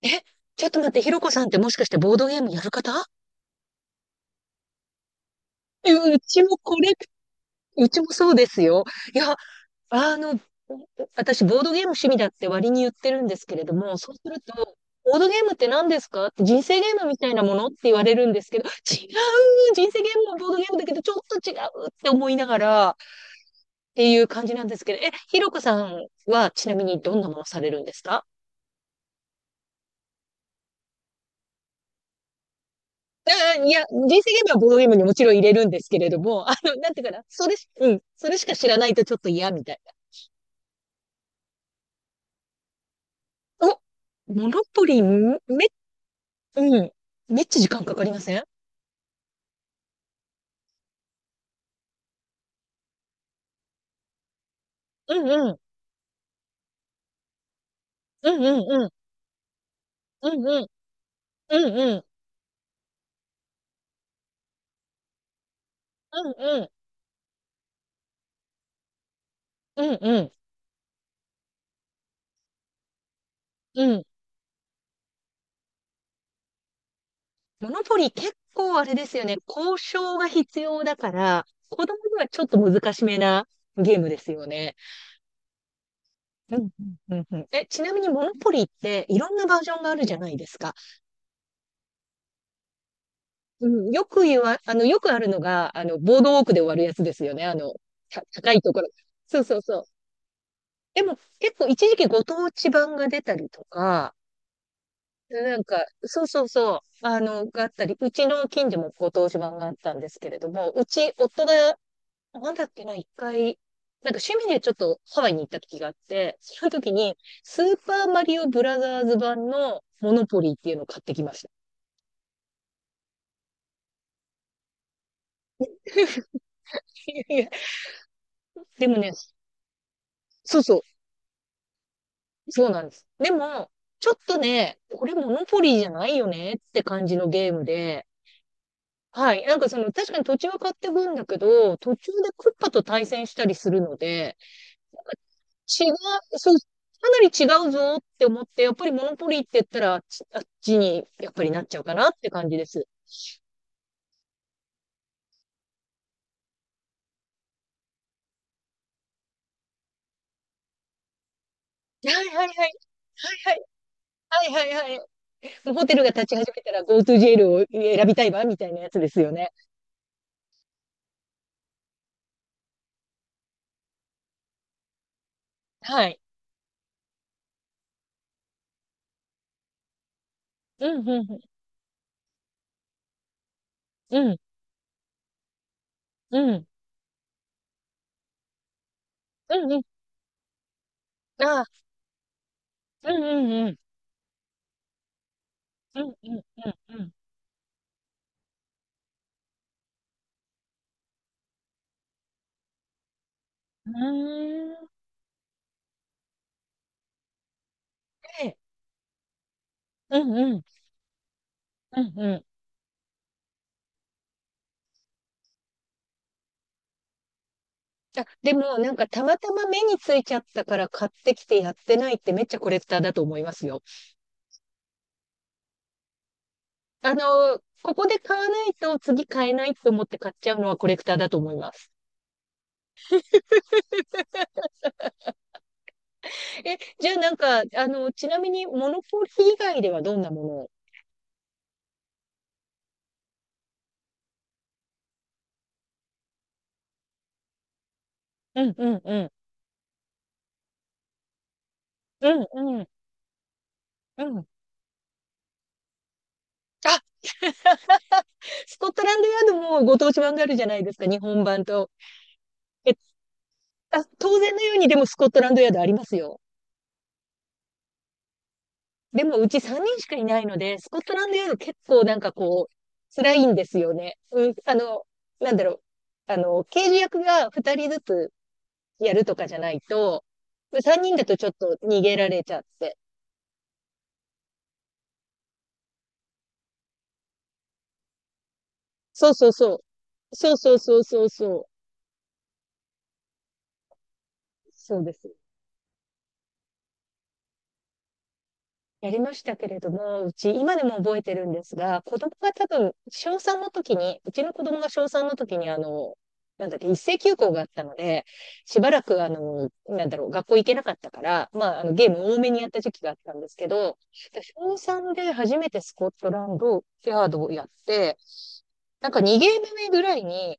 え、ちょっと待って、ひろこさんってもしかしてボードゲームやる方？えうちもこれ、うちもそうですよ。いや、あの、私、ボードゲーム趣味だって割に言ってるんですけれども、そうすると、ボードゲームって何ですかって人生ゲームみたいなものって言われるんですけど、違う、人生ゲームもボードゲームだけど、ちょっと違うって思いながらっていう感じなんですけど、え、ひろこさんはちなみにどんなものされるんですか？あいや、人生ゲームはボードゲームにもちろん入れるんですけれども、なんていうかな、それし、うん、それしか知らないとちょっと嫌みたいな。お、モノポリー、め、うん、めっちゃ時間かかりません？うんうん、うんうんうん、うんうん、うんうん、うんうん、うんうん、うん。モノポリー結構あれですよね、交渉が必要だから、子供にはちょっと難しめなゲームですよね。うんうん、うんうん。え、ちなみにモノポリーっていろんなバージョンがあるじゃないですか。うん、よくあるのが、ボードウォークで終わるやつですよね。高いところ。そうそうそう。でも、結構一時期ご当地版が出たりとか、なんか、そうそうそう、あったり、うちの近所もご当地版があったんですけれども、うち、夫が、なんだっけな、一回、なんか趣味でちょっとハワイに行った時があって、その時に、スーパーマリオブラザーズ版のモノポリーっていうのを買ってきました。いやいや、でもね、そうそう。そうなんです。でも、ちょっとね、これモノポリーじゃないよねって感じのゲームで、はい。なんかその、確かに土地は買ってくんだけど、途中でクッパと対戦したりするので、違う、そう、かなり違うぞって思って、やっぱりモノポリーって言ったら、あっちあっちにやっぱりなっちゃうかなって感じです。はいはいはい、はいはい、はいはいはい。もうホテルが立ち始めたら GoToJail を選びたいわ、みたいなやつですよね。はい。うん、うん、うん、うん、うん、うん、うん。ああ、うん、うん、うん。うんうんうんうん。うーん。で、うんうんうんうん。あ、でもなんかたまたま目についちゃったから買ってきてやってないってめっちゃコレクターだと思いますよ。ここで買わないと次買えないと思って買っちゃうのはコレクターだと思います。え、じゃあなんか、ちなみにモノポリ以外ではどんなものを？うんうんうん。うんうんうん。あ、スコットランドヤードもご当地版があるじゃないですか、日本版と。あ、当然のようにでもスコットランドヤードありますよ。でもうち3人しかいないので、スコットランドヤード結構なんかこう、辛いんですよね。うん、なんだろう。刑事役が2人ずつやるとかじゃないと、3人だとちょっと逃げられちゃって。そうそうそう。そうそうそうそうそう。そうです。やりましたけれども、うち、今でも覚えてるんですが、子供が多分、小3の時に、うちの子供が小3の時に、あの、なんだっけ、一斉休校があったので、しばらく、なんだろう、学校行けなかったから、まあ、ゲーム多めにやった時期があったんですけど、小3で初めてスコットランド、ヤードをやって、なんか2ゲーム目ぐらいに、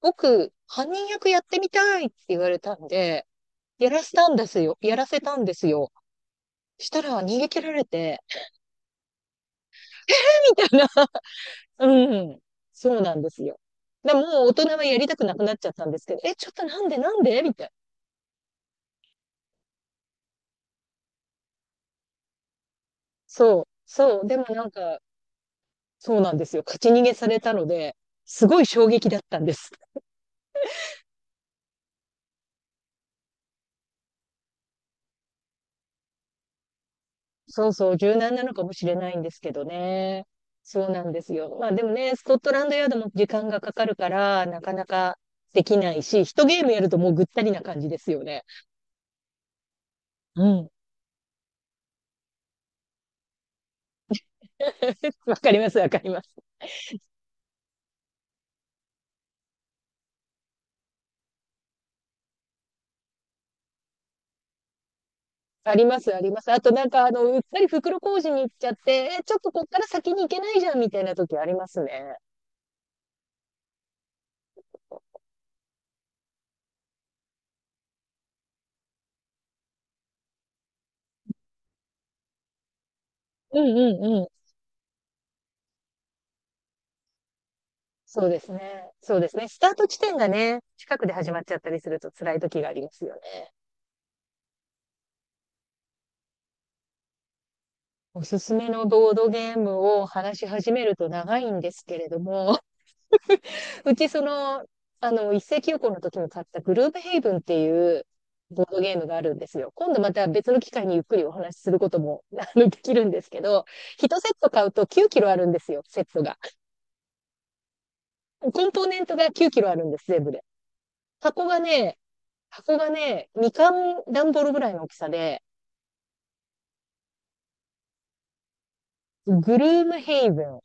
僕、犯人役やってみたいって言われたんで、やらせたんですよ。やらせたんですよ。したら逃げ切られて、みたいな。うん。そうなんですよ。でも、もう大人はやりたくなくなっちゃったんですけど、え、ちょっとなんでなんでみたいな。そう、そう。でもなんか、そうなんですよ。勝ち逃げされたので、すごい衝撃だったんです。そうそう、柔軟なのかもしれないんですけどね。そうなんですよ。まあでもね、スコットランドヤードも時間がかかるから、なかなかできないし、一ゲームやるともうぐったりな感じですよね。うん。わかります、わかります。あります、あります。あとなんか、うっかり袋小路に行っちゃって、え、ちょっとこっから先に行けないじゃんみたいな時ありますね。うんうんうん。そうですね。そうですね。スタート地点がね、近くで始まっちゃったりすると辛い時がありますよね。おすすめのボードゲームを話し始めると長いんですけれども、うち、一斉休校の時に買ったグループヘイブンっていうボードゲームがあるんですよ。今度また別の機会にゆっくりお話しすることも、できるんですけど、1セット買うと9キロあるんですよ、セットが。コンポーネントが9キロあるんです、全部で。箱がね、箱がね、みかん段ボールぐらいの大きさで、グルームヘイブン、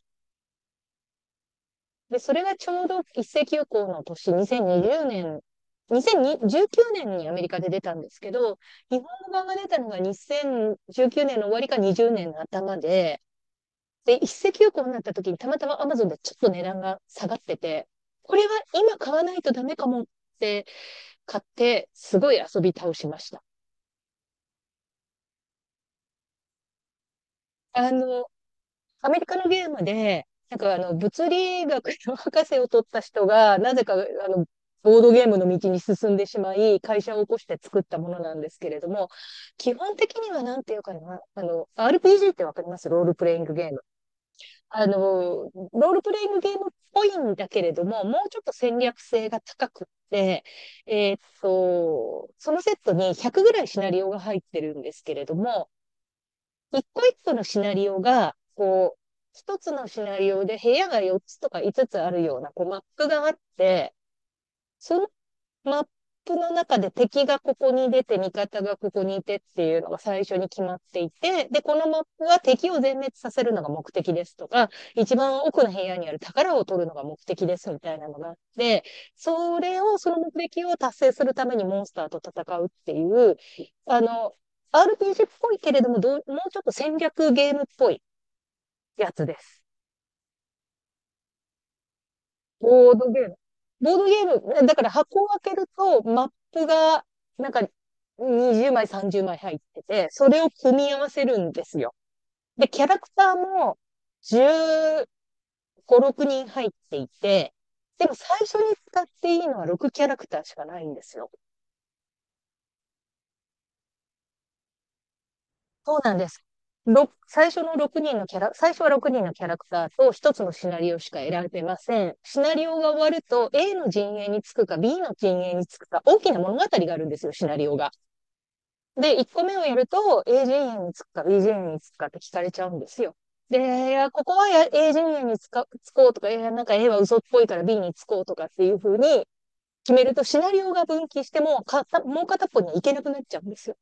で、それがちょうど一斉休校の年、2020年、2019年にアメリカで出たんですけど、日本語版が出たのが2019年の終わりか20年の頭で、で、一斉休校になった時にたまたま Amazon でちょっと値段が下がってて、これは今買わないとダメかもって買って、すごい遊び倒しました。あのアメリカのゲームで、なんか、物理学の博士を取った人が、なぜか、ボードゲームの道に進んでしまい、会社を起こして作ったものなんですけれども、基本的にはなんていうかな、RPG ってわかります？ロールプレイングゲーム。ロールプレイングゲームっぽいんだけれども、もうちょっと戦略性が高くって、そのセットに100ぐらいシナリオが入ってるんですけれども、一個一個のシナリオが、こう、一つのシナリオで部屋が4つとか5つつあるような、こう、マップがあって、そのマップの中で敵がここに出て、味方がここにいてっていうのが最初に決まっていて、で、このマップは敵を全滅させるのが目的ですとか、一番奥の部屋にある宝を取るのが目的ですみたいなのがあって、それを、その目的を達成するためにモンスターと戦うっていう、あの、RPG っぽいけれども、どう、もうちょっと戦略ゲームっぽいやつです。ボードゲーム。ボードゲーム、だから箱を開けると、マップが、なんか、20枚、30枚入ってて、それを組み合わせるんですよ。で、キャラクターも15、6人入っていて、でも最初に使っていいのは6キャラクターしかないんですよ。そうなんです。ろく最初の6人のキャラ、最初は6人のキャラクターと1つのシナリオしか選べません。シナリオが終わると A の陣営につくか B の陣営につくか大きな物語があるんですよ、シナリオが。で、1個目をやると A 陣営につくか B 陣営につくかって聞かれちゃうんですよ。で、いやここはや、 A 陣営につかつこうとか、いやなんか A は嘘っぽいから B につこうとかっていう風に決めるとシナリオが分岐してもう片っぽには行けなくなっちゃうんですよ。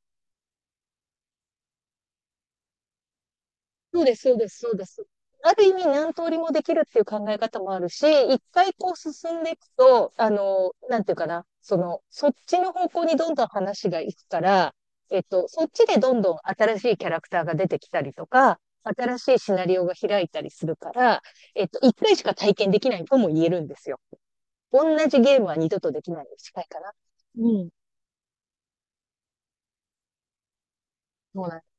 そうです、そうです、そうです。ある意味何通りもできるっていう考え方もあるし、一回こう進んでいくと、なんていうかな、そっちの方向にどんどん話がいくから、そっちでどんどん新しいキャラクターが出てきたりとか、新しいシナリオが開いたりするから、一回しか体験できないとも言えるんですよ。同じゲームは二度とできないに近いかな。うん。そうなんです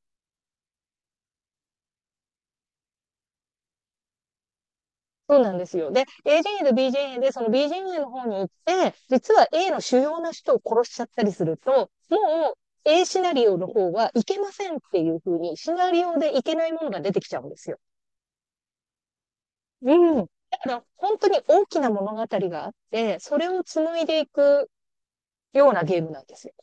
そうなんですよ。で、A 陣営と B 陣営で、その B 陣営の方に行って、実は A の主要な人を殺しちゃったりすると、もう A シナリオの方はいけませんっていう風に、シナリオでいけないものが出てきちゃうんですよ。うん。だから、本当に大きな物語があって、それを紡いでいくようなゲームなんですよ。